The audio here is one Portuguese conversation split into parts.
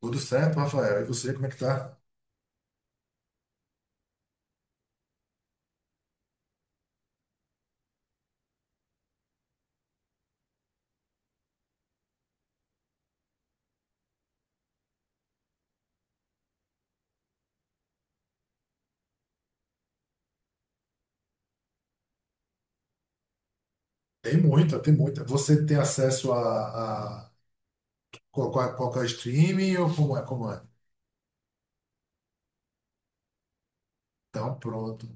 Tudo certo, Rafael? E você, como é que tá? Tem muita, tem muita. Você tem acesso a, qual, qual que é o streaming ou como é, como é? Então, pronto.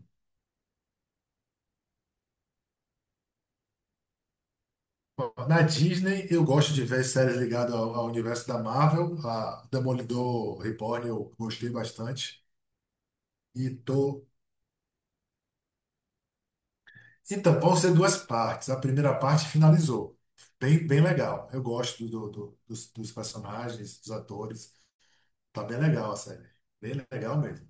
Na Disney, eu gosto de ver séries ligadas ao, ao universo da Marvel. A Demolidor Reborn eu gostei bastante. E tô... Então, vão ser duas partes. A primeira parte finalizou. Bem, bem legal. Eu gosto dos, dos personagens, dos atores. Tá bem legal a série. Bem legal mesmo.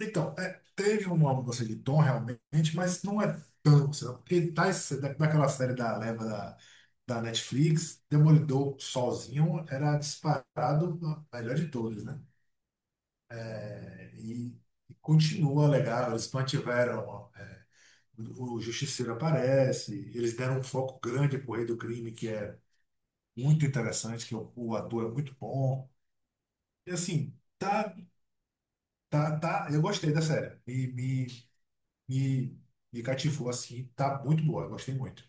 Então, é, teve uma mudança de tom realmente, mas não é tão, sabe? Porque tá, daquela série da leva da Netflix, Demolidor sozinho era disparado a melhor de todos, né? É, E, e continua legal, eles mantiveram, é, o Justiceiro aparece, eles deram um foco grande pro Rei do Crime, que é muito interessante, que o ator é muito bom. E assim, tá, tá, eu gostei da série. E e cativou assim, tá muito boa, eu gostei muito.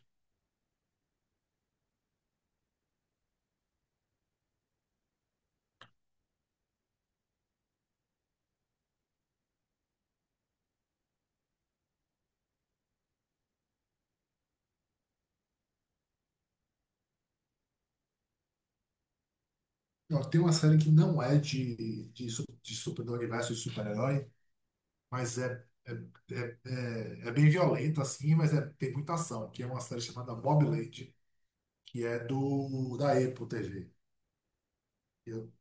Ó, tem uma série que não é de super, do universo de super-herói, mas é, é, é, é, é bem violenta assim, mas é, tem muita ação, que é uma série chamada Mobland, que é do da Apple TV. Eu-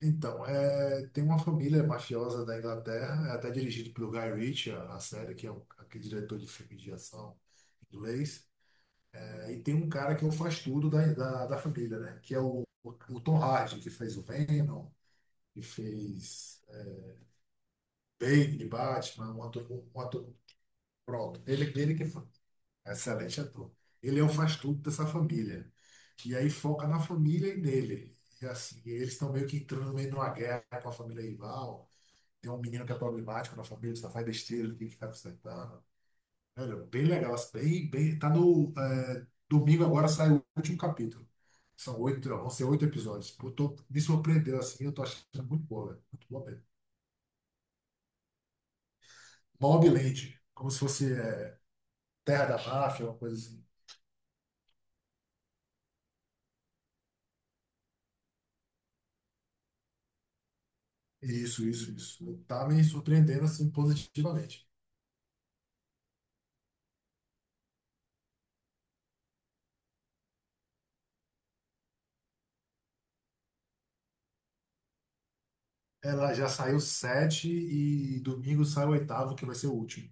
então, é, tem uma família mafiosa da Inglaterra, é até dirigido pelo Guy Ritchie, a série, que é um, aquele diretor de filme de ação inglês. E tem um cara que é o faz tudo da família, né? Que é o Tom Hardy, que fez o Venom, que fez é, Bane de Batman, um ator, um ator- pronto. Ele, ele que fa-. É excelente ator. Ele é o faz tudo dessa família. E aí foca na família e nele. E assim, eles estão meio que entrando no meio de uma guerra com a família rival. Tem um menino que é problemático na família, só faz besteira, ele tem que ficar consertando. Velho, bem legal. Bem, bem, tá no. É, domingo agora sai o último capítulo. São oito, vão ser oito episódios. Pô, tô, me surpreendeu assim, eu tô achando muito boa, velho. Muito boa mesmo. Mobland, como se fosse é, Terra da Máfia, uma coisa assim. Isso, isso, isso. Tá me surpreendendo assim positivamente. Ela já saiu sete e domingo sai o oitavo, que vai ser o último.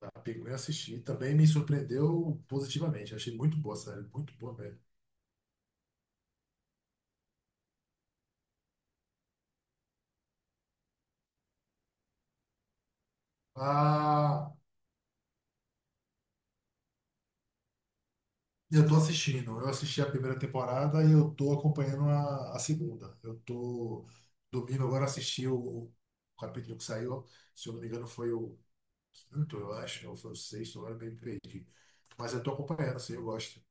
Tá? Peguei e assisti. Também me surpreendeu positivamente. Achei muito boa, sério. Muito boa mesmo. Ah, eu tô assistindo. Eu assisti a primeira temporada e eu tô acompanhando a segunda. Eu tô domingo agora assisti o capítulo que saiu. Se eu não me engano, foi o quinto, eu acho, ou foi o sexto, agora eu me perdi. Mas eu tô acompanhando, assim, eu gosto.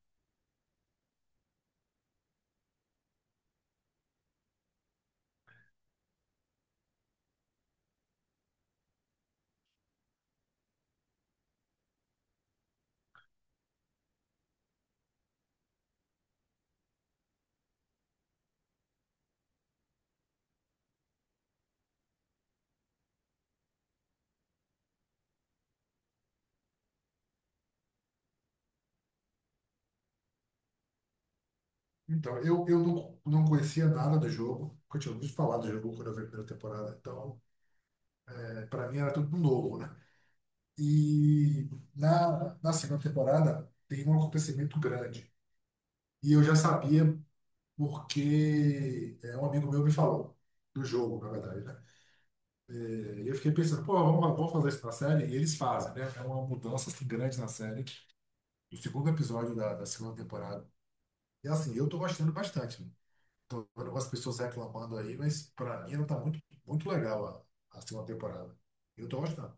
Então, eu não, não conhecia nada do jogo, porque eu tinha ouvido falar do jogo quando eu vi a primeira temporada. Então, é, para mim era tudo novo, né? E na segunda temporada tem um acontecimento grande. E eu já sabia porque é, um amigo meu me falou do jogo, na verdade, né? É, e eu fiquei pensando, pô, vamos, vamos fazer isso na série? E eles fazem, né? É uma mudança assim, grande na série, no segundo episódio da segunda temporada. E assim, eu tô gostando bastante. Né? Tô vendo algumas pessoas reclamando aí, mas pra mim não tá muito, muito legal a segunda temporada. Eu tô gostando.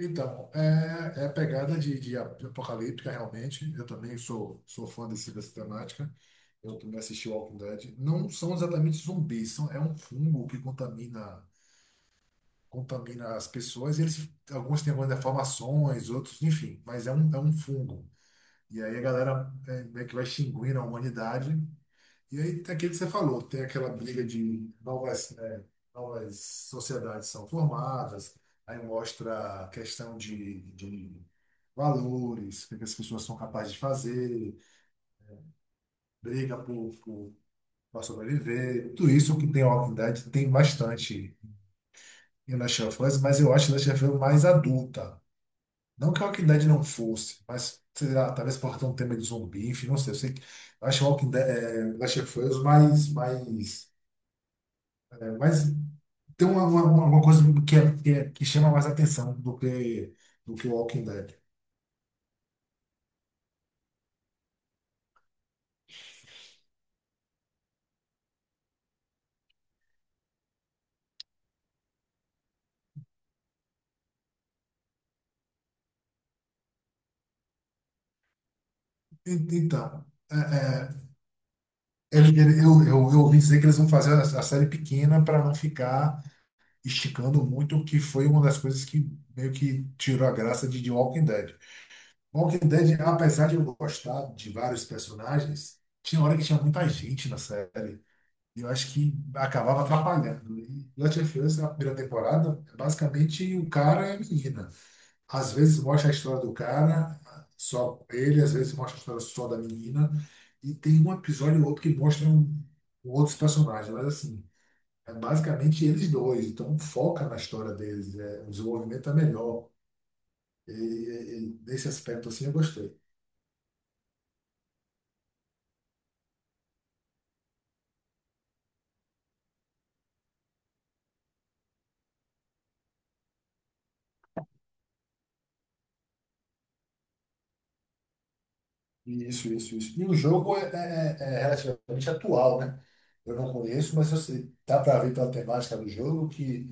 Então, é, é pegada de apocalíptica, realmente. Eu também sou, sou fã desse, dessa temática. Eu também assisti Walking Dead. Não são exatamente zumbis, são, é um fungo que contamina, contamina as pessoas. E eles, alguns têm algumas deformações, outros, enfim, mas é um fungo. E aí a galera é, meio que vai extinguindo a humanidade. E aí tem aquilo que você falou, tem aquela briga de novas, né, novas sociedades são formadas, aí mostra a questão de valores, o que é que as pessoas são capazes de fazer, briga para sobreviver, tudo isso que tem a Walking Dead tem bastante em Last of Us, mas eu acho Last of Us mais adulta. Não que a Walking Dead não fosse, mas sei lá, talvez por ter um tema de zumbi, enfim, não sei, eu sei que eu acho Walking Dead, eh, Last of Us mais, mais é, mas tem uma coisa que, é, que chama mais atenção do que o Walking Dead. Então, é, é, eu, eu ouvi dizer que eles vão fazer a série pequena para não ficar esticando muito, que foi uma das coisas que meio que tirou a graça de Walking Dead. Walking Dead, apesar de eu gostar de vários personagens, tinha hora que tinha muita gente na série. E eu acho que acabava atrapalhando. E Last of Us, na primeira temporada, é basicamente o cara e a menina. Às vezes mostra a história do cara, só ele, às vezes mostra a história só da menina. E tem um episódio ou outro que mostra um, um outros personagens, mas assim, é basicamente eles dois. Então foca na história deles, é, o desenvolvimento é melhor. E, e nesse aspecto assim eu gostei. Isso, isso, isso. E o jogo é, é relativamente atual, né? Eu não conheço, mas eu sei. Dá para ver pela temática do jogo que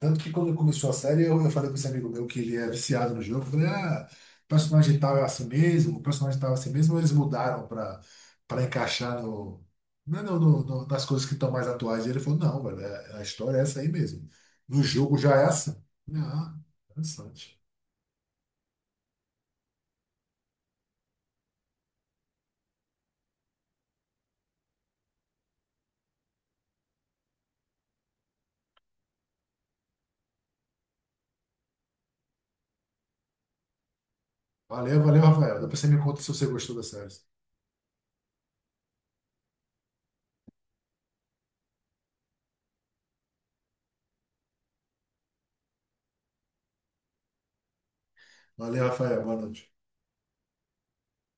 tanto que quando começou a série, eu falei com esse amigo meu que ele é viciado no jogo. Eu falei, ah, o personagem tal é assim mesmo, o personagem tal é assim mesmo. Ou eles mudaram para para encaixar no, né, no, nas coisas que estão mais atuais. E ele falou, não, velho, é- a história é essa aí mesmo. No jogo já é assim. Ah, interessante. Valeu, valeu, Rafael. Depois você me conta se você gostou da série. Valeu, Rafael. Boa noite.